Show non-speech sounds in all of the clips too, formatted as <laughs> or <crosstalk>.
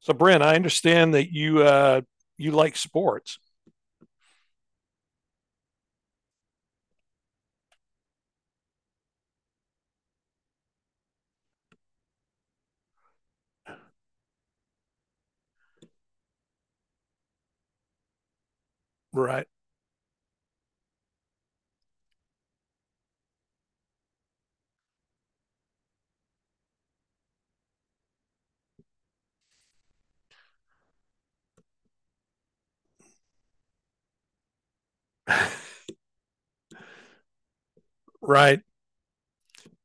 So, Brent, I understand that you you like sports. Right, right.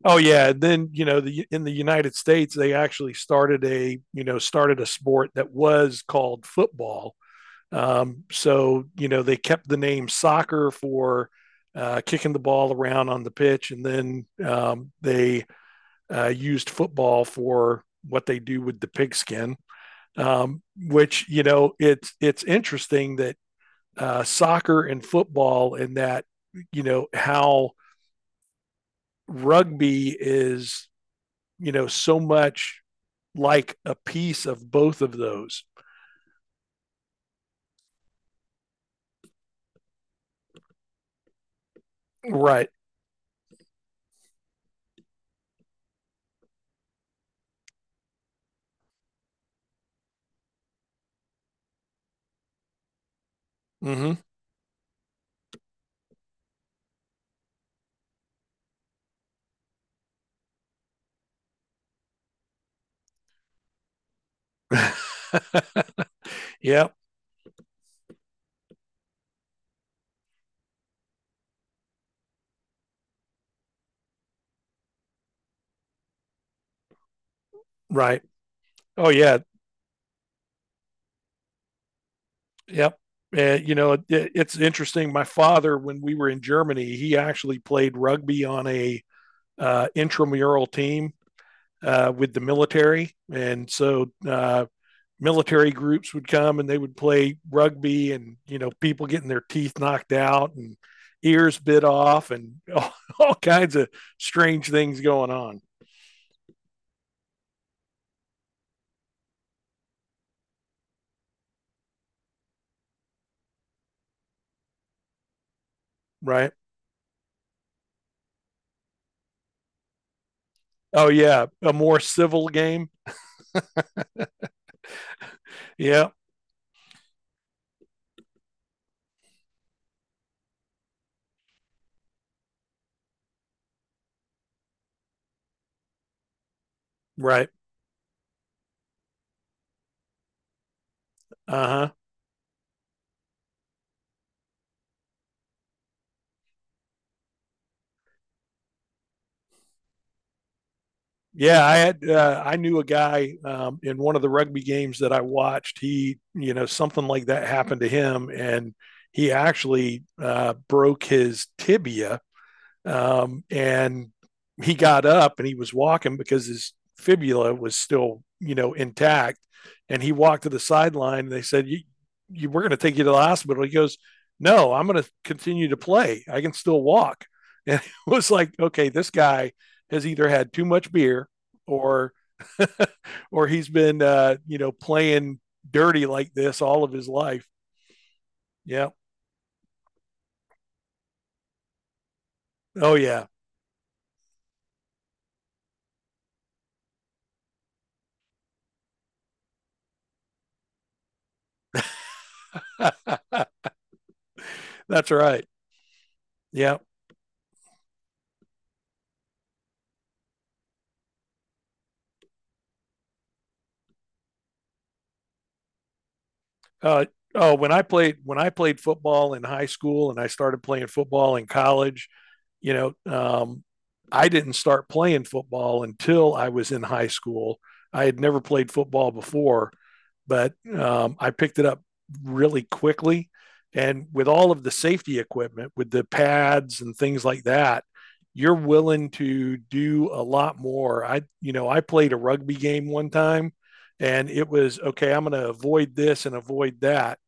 Oh yeah, and then you know the in the United States they actually started a you know started a sport that was called football. So they kept the name soccer for kicking the ball around on the pitch, and then they used football for what they do with the pigskin, which it's interesting that soccer and football, and that you know how rugby is so much like a piece of both of those. Right. Mm-hmm. Yep. Right. Oh yeah. Yep. It's interesting. My father, when we were in Germany, he actually played rugby on a intramural team with the military, and so military groups would come and they would play rugby, and people getting their teeth knocked out and ears bit off, and <laughs> all kinds of strange things going on. Right? Oh yeah, a more civil game. Yeah, right. Uh huh. Yeah, I knew a guy in one of the rugby games that I watched. Something like that happened to him, and he actually broke his tibia. And he got up and he was walking because his fibula was still, intact. And he walked to the sideline. And they said, we're going to take you to the hospital. He goes, no, I'm going to continue to play. I can still walk. <laughs> And it was like, okay, this guy has either had too much beer or <laughs> or he's been playing dirty like this all of his life. Yeah. Oh yeah. That's right. Yeah. Uh, oh, when I played football in high school, and I started playing football in college, you know, um, I didn't start playing football until I was in high school. I had never played football before, but I picked it up really quickly. And with all of the safety equipment, with the pads and things like that, you're willing to do a lot more. I played a rugby game one time, and it was okay, I'm going to avoid this and avoid that.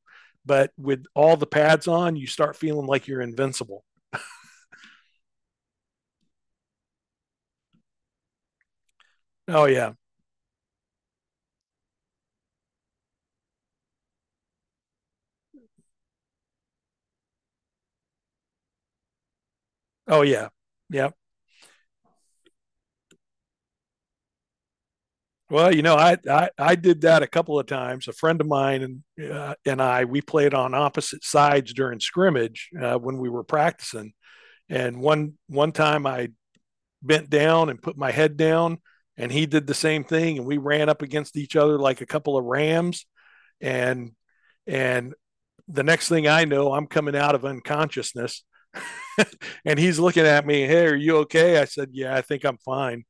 But with all the pads on, you start feeling like you're invincible. Oh, yeah. Oh, yeah. Yeah. Well, I did that a couple of times. A friend of mine and I we played on opposite sides during scrimmage when we were practicing. And one time I bent down and put my head down, and he did the same thing, and we ran up against each other like a couple of rams. And and the next thing I know, I'm coming out of unconsciousness, <laughs> and he's looking at me. Hey, are you okay? I said, yeah, I think I'm fine.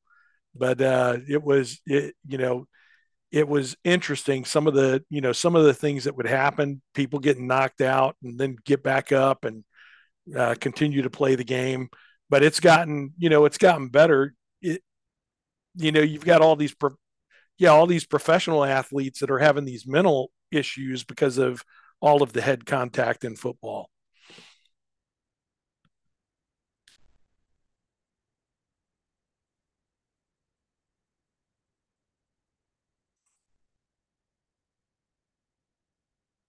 But it was, it was interesting. Some of the things that would happen, people getting knocked out and then get back up and continue to play the game, but it's gotten better. It, you know You've got all these professional athletes that are having these mental issues because of all of the head contact in football.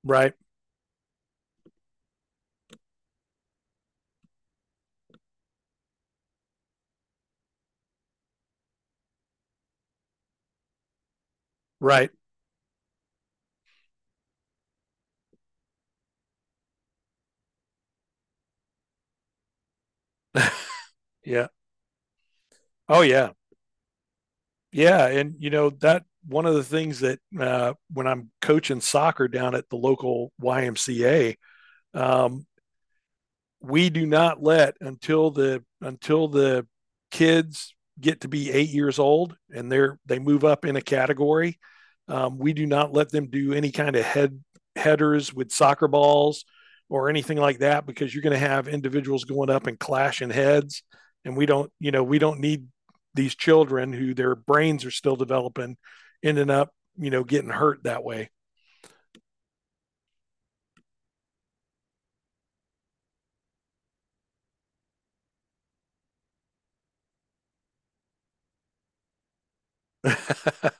Right. Right. <laughs> Yeah. Oh yeah. Yeah, and you know that one of the things, that when I'm coaching soccer down at the local YMCA, um, we do not let, until the kids get to be 8 years old and they move up in a category, we do not let them do any kind of headers with soccer balls or anything like that, because you're going to have individuals going up and clashing heads, and we don't need these children, who their brains are still developing, ending up getting hurt that way. <laughs>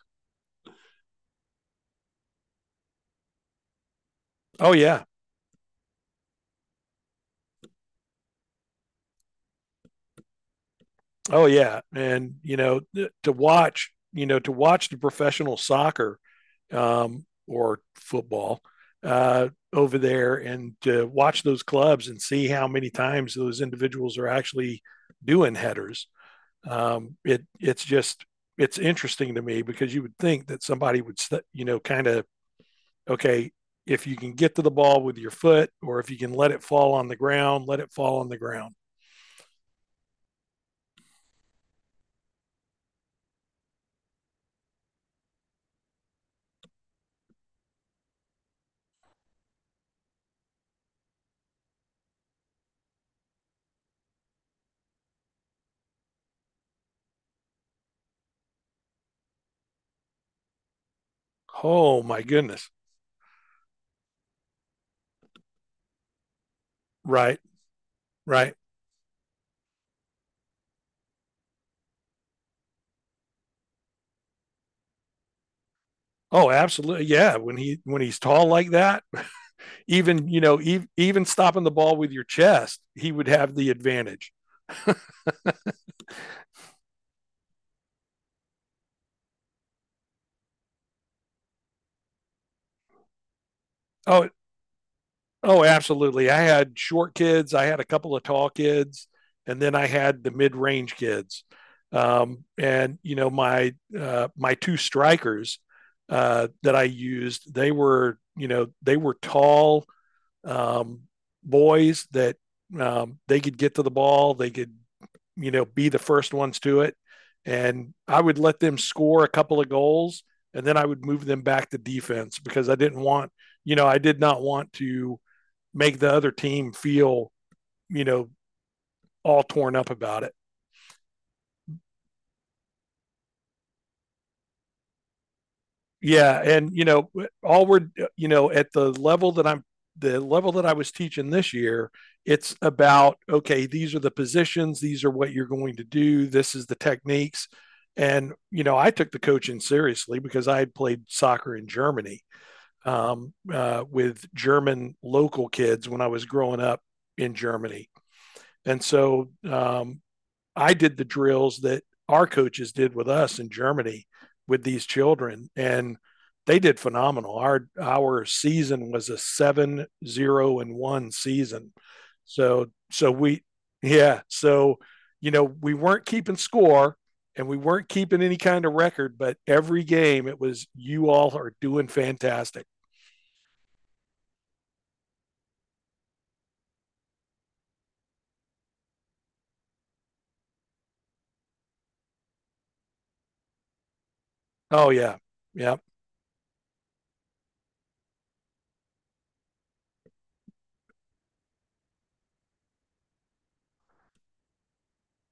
Oh yeah. Oh yeah, and to watch the professional soccer, or football over there, and to watch those clubs and see how many times those individuals are actually doing headers. It it's just it's interesting to me, because you would think that somebody would, kind of, okay, if you can get to the ball with your foot, or if you can let it fall on the ground, let it fall on the ground. Oh my goodness! Right, right. Oh, absolutely. Yeah, when he's tall like that, even even stopping the ball with your chest, he would have the advantage. Oh, oh, absolutely. I had short kids, I had a couple of tall kids, and then I had the mid-range kids. And my two strikers that I used, they were tall, um, boys that, they could get to the ball, they could, be the first ones to it. And I would let them score a couple of goals, and then I would move them back to defense, because I did not want to make the other team feel, you know, all torn up about it. Yeah, and you know all we're you know at the level that I'm the level that I was teaching this year, it's about, okay, these are the positions, these are what you're going to do, this is the techniques. And I took the coaching seriously because I had played soccer in Germany, with German local kids when I was growing up in Germany. And so I did the drills that our coaches did with us in Germany with these children, and they did phenomenal. Our season was a 7-0-1 season. So so we yeah so you know we weren't keeping score and we weren't keeping any kind of record, but every game it was you all are doing fantastic. Oh yeah, yeah.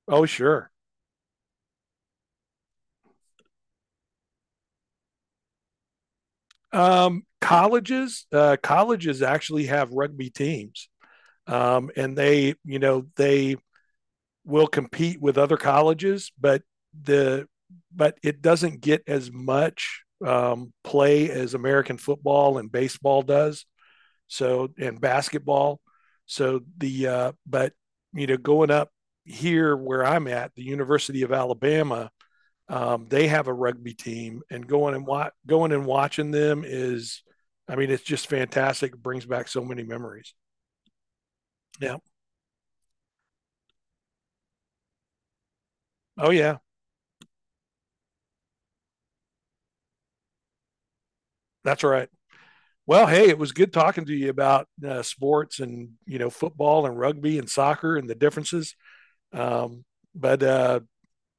Oh sure. Colleges actually have rugby teams, and they you know they will compete with other colleges, but the but it doesn't get as much play as American football and baseball does. So and basketball. So the but you know going up here where I'm at, the University of Alabama, they have a rugby team, and going and watching them is, I mean, it's just fantastic. It brings back so many memories. Yeah. Oh yeah, that's right. Well, hey, it was good talking to you about sports, and football and rugby and soccer and the differences. Um, but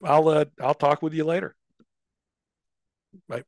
I'll talk with you later. Bye.